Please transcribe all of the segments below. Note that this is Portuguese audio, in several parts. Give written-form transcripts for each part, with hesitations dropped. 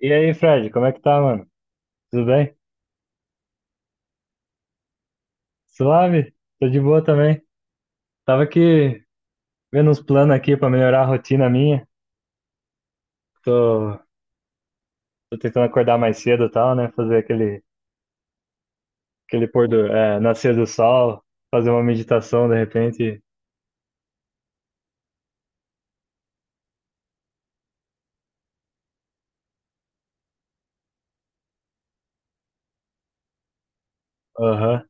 E aí, Fred, como é que tá, mano? Tudo bem? Suave? Tô de boa também. Tava aqui vendo uns planos aqui pra melhorar a rotina minha. Tô, tô tentando acordar mais cedo e tal, né? Fazer aquele nascer do sol, fazer uma meditação de repente. Aham.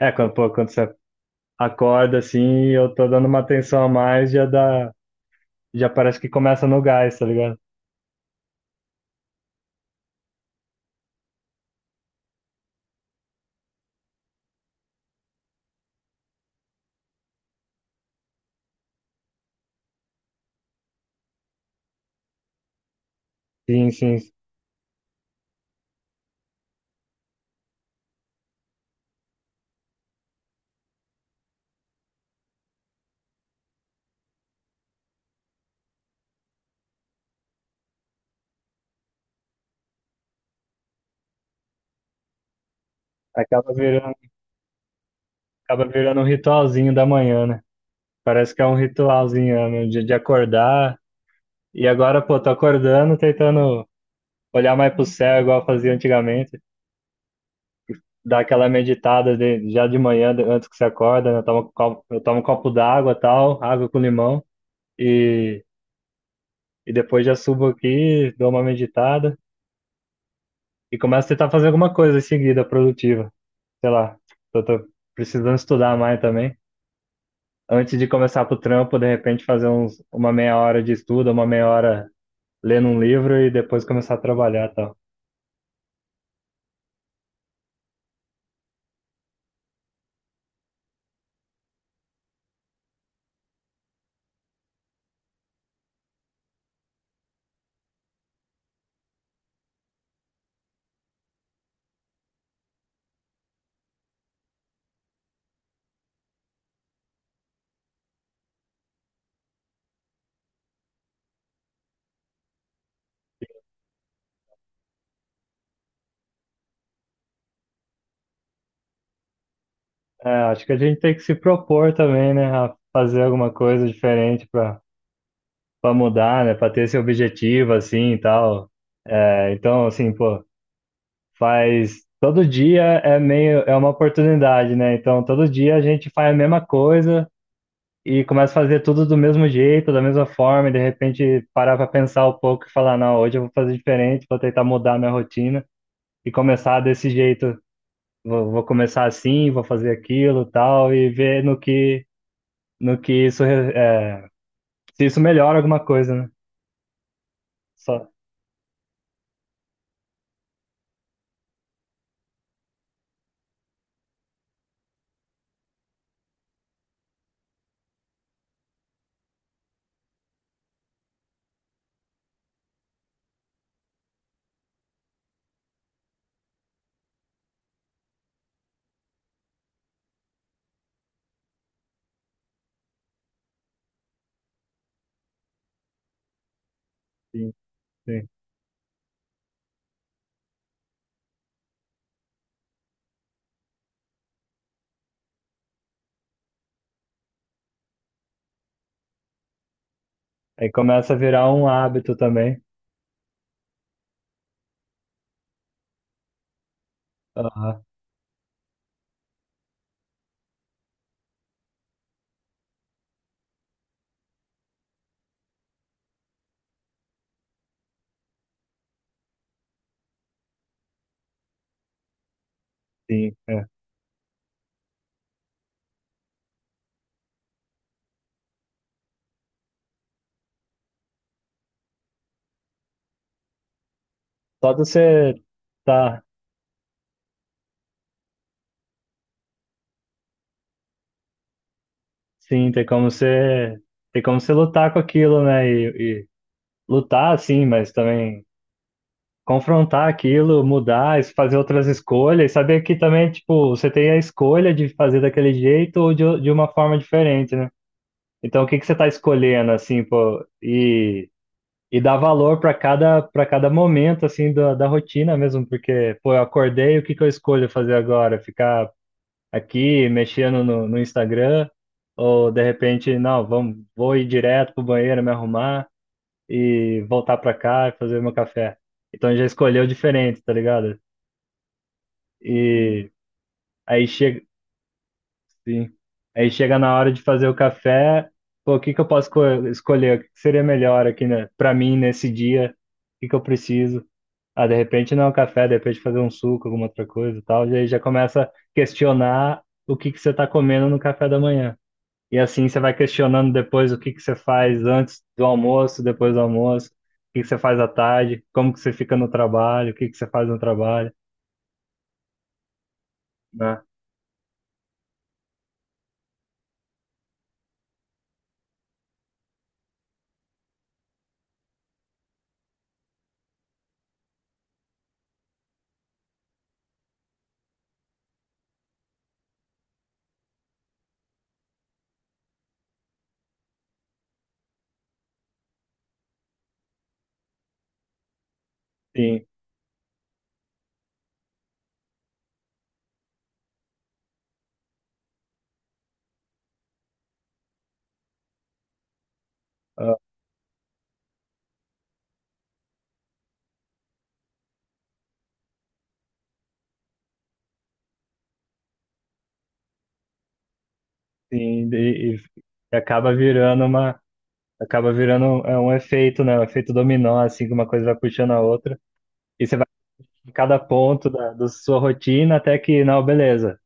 É, quando você acorda assim, eu tô dando uma atenção a mais, já parece que começa no gás, tá ligado? Sim, sim. Acaba virando, acaba virando um ritualzinho da manhã, né? Parece que é um ritualzinho, né? De acordar. E agora, pô, tô acordando, tentando olhar mais pro céu, igual eu fazia antigamente. Dar aquela meditada já de manhã, antes que você acorda, né? Eu tomo um copo d'água, tal, água com limão. E, e depois já subo aqui, dou uma meditada e começo a tentar fazer alguma coisa em seguida, produtiva. Sei lá, eu tô precisando estudar mais também. Antes de começar pro trampo, de repente fazer uma meia hora de estudo, uma meia hora lendo um livro e depois começar a trabalhar, tal. É, acho que a gente tem que se propor também, né, a fazer alguma coisa diferente para mudar, né, para ter esse objetivo assim e tal. É, então, assim, pô, faz todo dia é meio é uma oportunidade, né? Então, todo dia a gente faz a mesma coisa e começa a fazer tudo do mesmo jeito, da mesma forma, e de repente parar para pensar um pouco e falar, não, hoje eu vou fazer diferente, vou tentar mudar minha rotina e começar desse jeito. Vou começar assim, vou fazer aquilo, tal, e ver no que é, se isso melhora alguma coisa, né? Só, sim, sim. Aí começa a virar um hábito também. Aham, sim, é. Só de você tá, sim, tem como você lutar com aquilo, né? E lutar, sim, mas também confrontar aquilo, mudar, fazer outras escolhas, saber que também, tipo, você tem a escolha de fazer daquele jeito ou de uma forma diferente, né? Então, o que que você tá escolhendo, assim, pô? E dar valor para cada momento, assim, da rotina mesmo, porque, pô, eu acordei, o que que eu escolho fazer agora? Ficar aqui mexendo no Instagram? Ou, de repente, não, vamos, vou ir direto pro banheiro, me arrumar e voltar para cá e fazer meu café. Então já escolheu diferente, tá ligado? E aí chega, sim. Aí chega na hora de fazer o café, pô, o que que eu posso escolher? O que que seria melhor aqui, né, para mim nesse dia? O que que eu preciso? Ah, de repente não é um café, de repente fazer um suco, alguma outra coisa e tal, e aí já começa a questionar o que que você está comendo no café da manhã. E assim você vai questionando depois o que que você faz antes do almoço, depois do almoço, o que que você faz à tarde, como que você fica no trabalho, o que que você faz no trabalho, né? Sim, ah, sim, e acaba virando um efeito, né? Um efeito dominó, assim, que uma coisa vai puxando a outra, e você vai em cada ponto da sua rotina até que, não, beleza.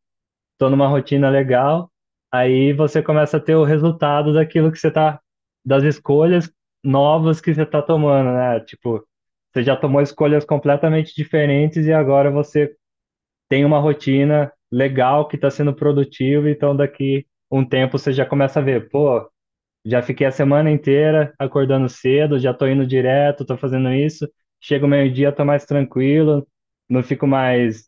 Tô numa rotina legal. Aí você começa a ter o resultado daquilo que você tá, das escolhas novas que você tá tomando, né? Tipo, você já tomou escolhas completamente diferentes e agora você tem uma rotina legal que está sendo produtiva, então daqui um tempo você já começa a ver, pô, já fiquei a semana inteira acordando cedo, já tô indo direto, tô fazendo isso, chega o meio-dia, tô mais tranquilo, não fico mais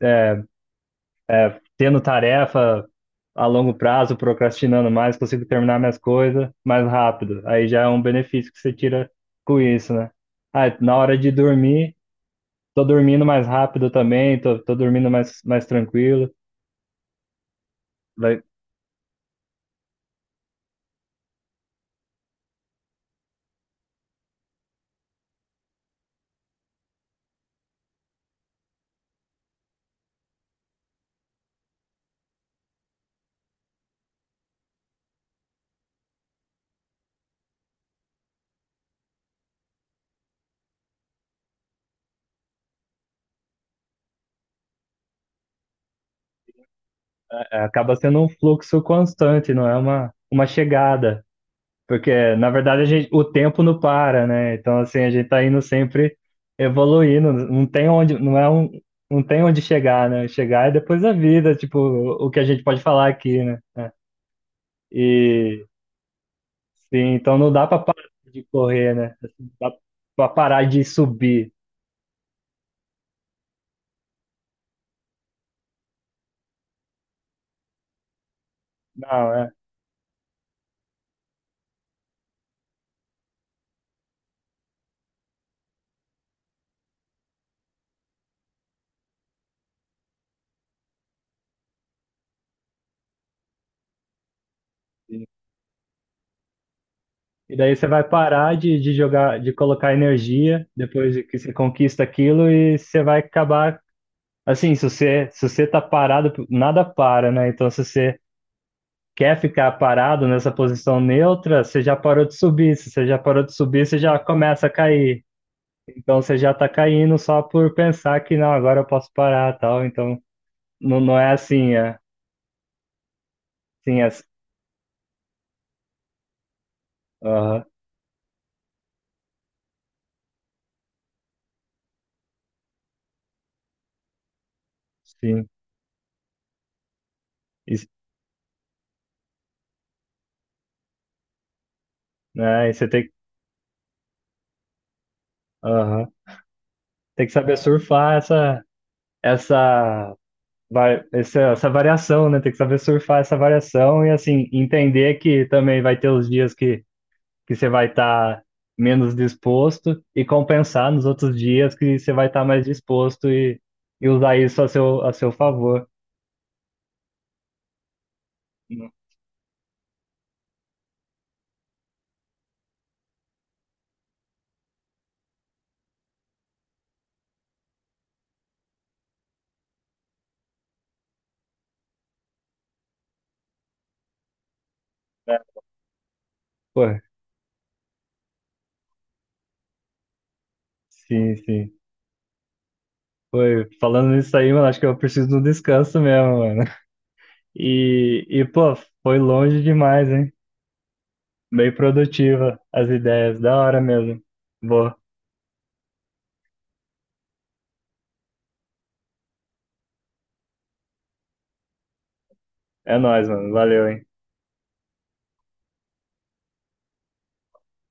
tendo tarefa a longo prazo, procrastinando mais, consigo terminar minhas coisas mais rápido. Aí já é um benefício que você tira com isso, né? Ah, na hora de dormir, tô dormindo mais rápido também, tô dormindo mais tranquilo. Vai, acaba sendo um fluxo constante, não é uma chegada. Porque, na verdade, a gente, o tempo não para, né? Então, assim, a gente tá indo sempre evoluindo, não tem onde chegar, né? Chegar é depois da vida, tipo, o que a gente pode falar aqui, né? E, sim, então não dá pra parar de correr, né? Assim, não dá pra parar de subir. Não, é. Sim. E daí você vai parar de jogar, de colocar energia depois que você conquista aquilo e você vai acabar, assim, se você tá parado, nada para, né? Então, se você quer ficar parado nessa posição neutra, você já parou de subir. Se você já parou de subir, você já começa a cair. Então você já está caindo só por pensar que não, agora eu posso parar, tal. Então não, não é assim, é. Sim, é. Aham, sim. Isso, né? E você tem, aham. Tem que saber surfar essa essa vai- essa essa variação, né? Tem que saber surfar essa variação e assim entender que também vai ter os dias que você vai estar menos disposto e compensar nos outros dias que você vai estar mais disposto e usar isso a seu favor, né? Pô, sim, sim. Falando nisso aí, mano, acho que eu preciso de um descanso mesmo, mano. Pô, foi longe demais, hein? Bem produtiva as ideias, da hora mesmo. Boa. É nóis, mano. Valeu, hein?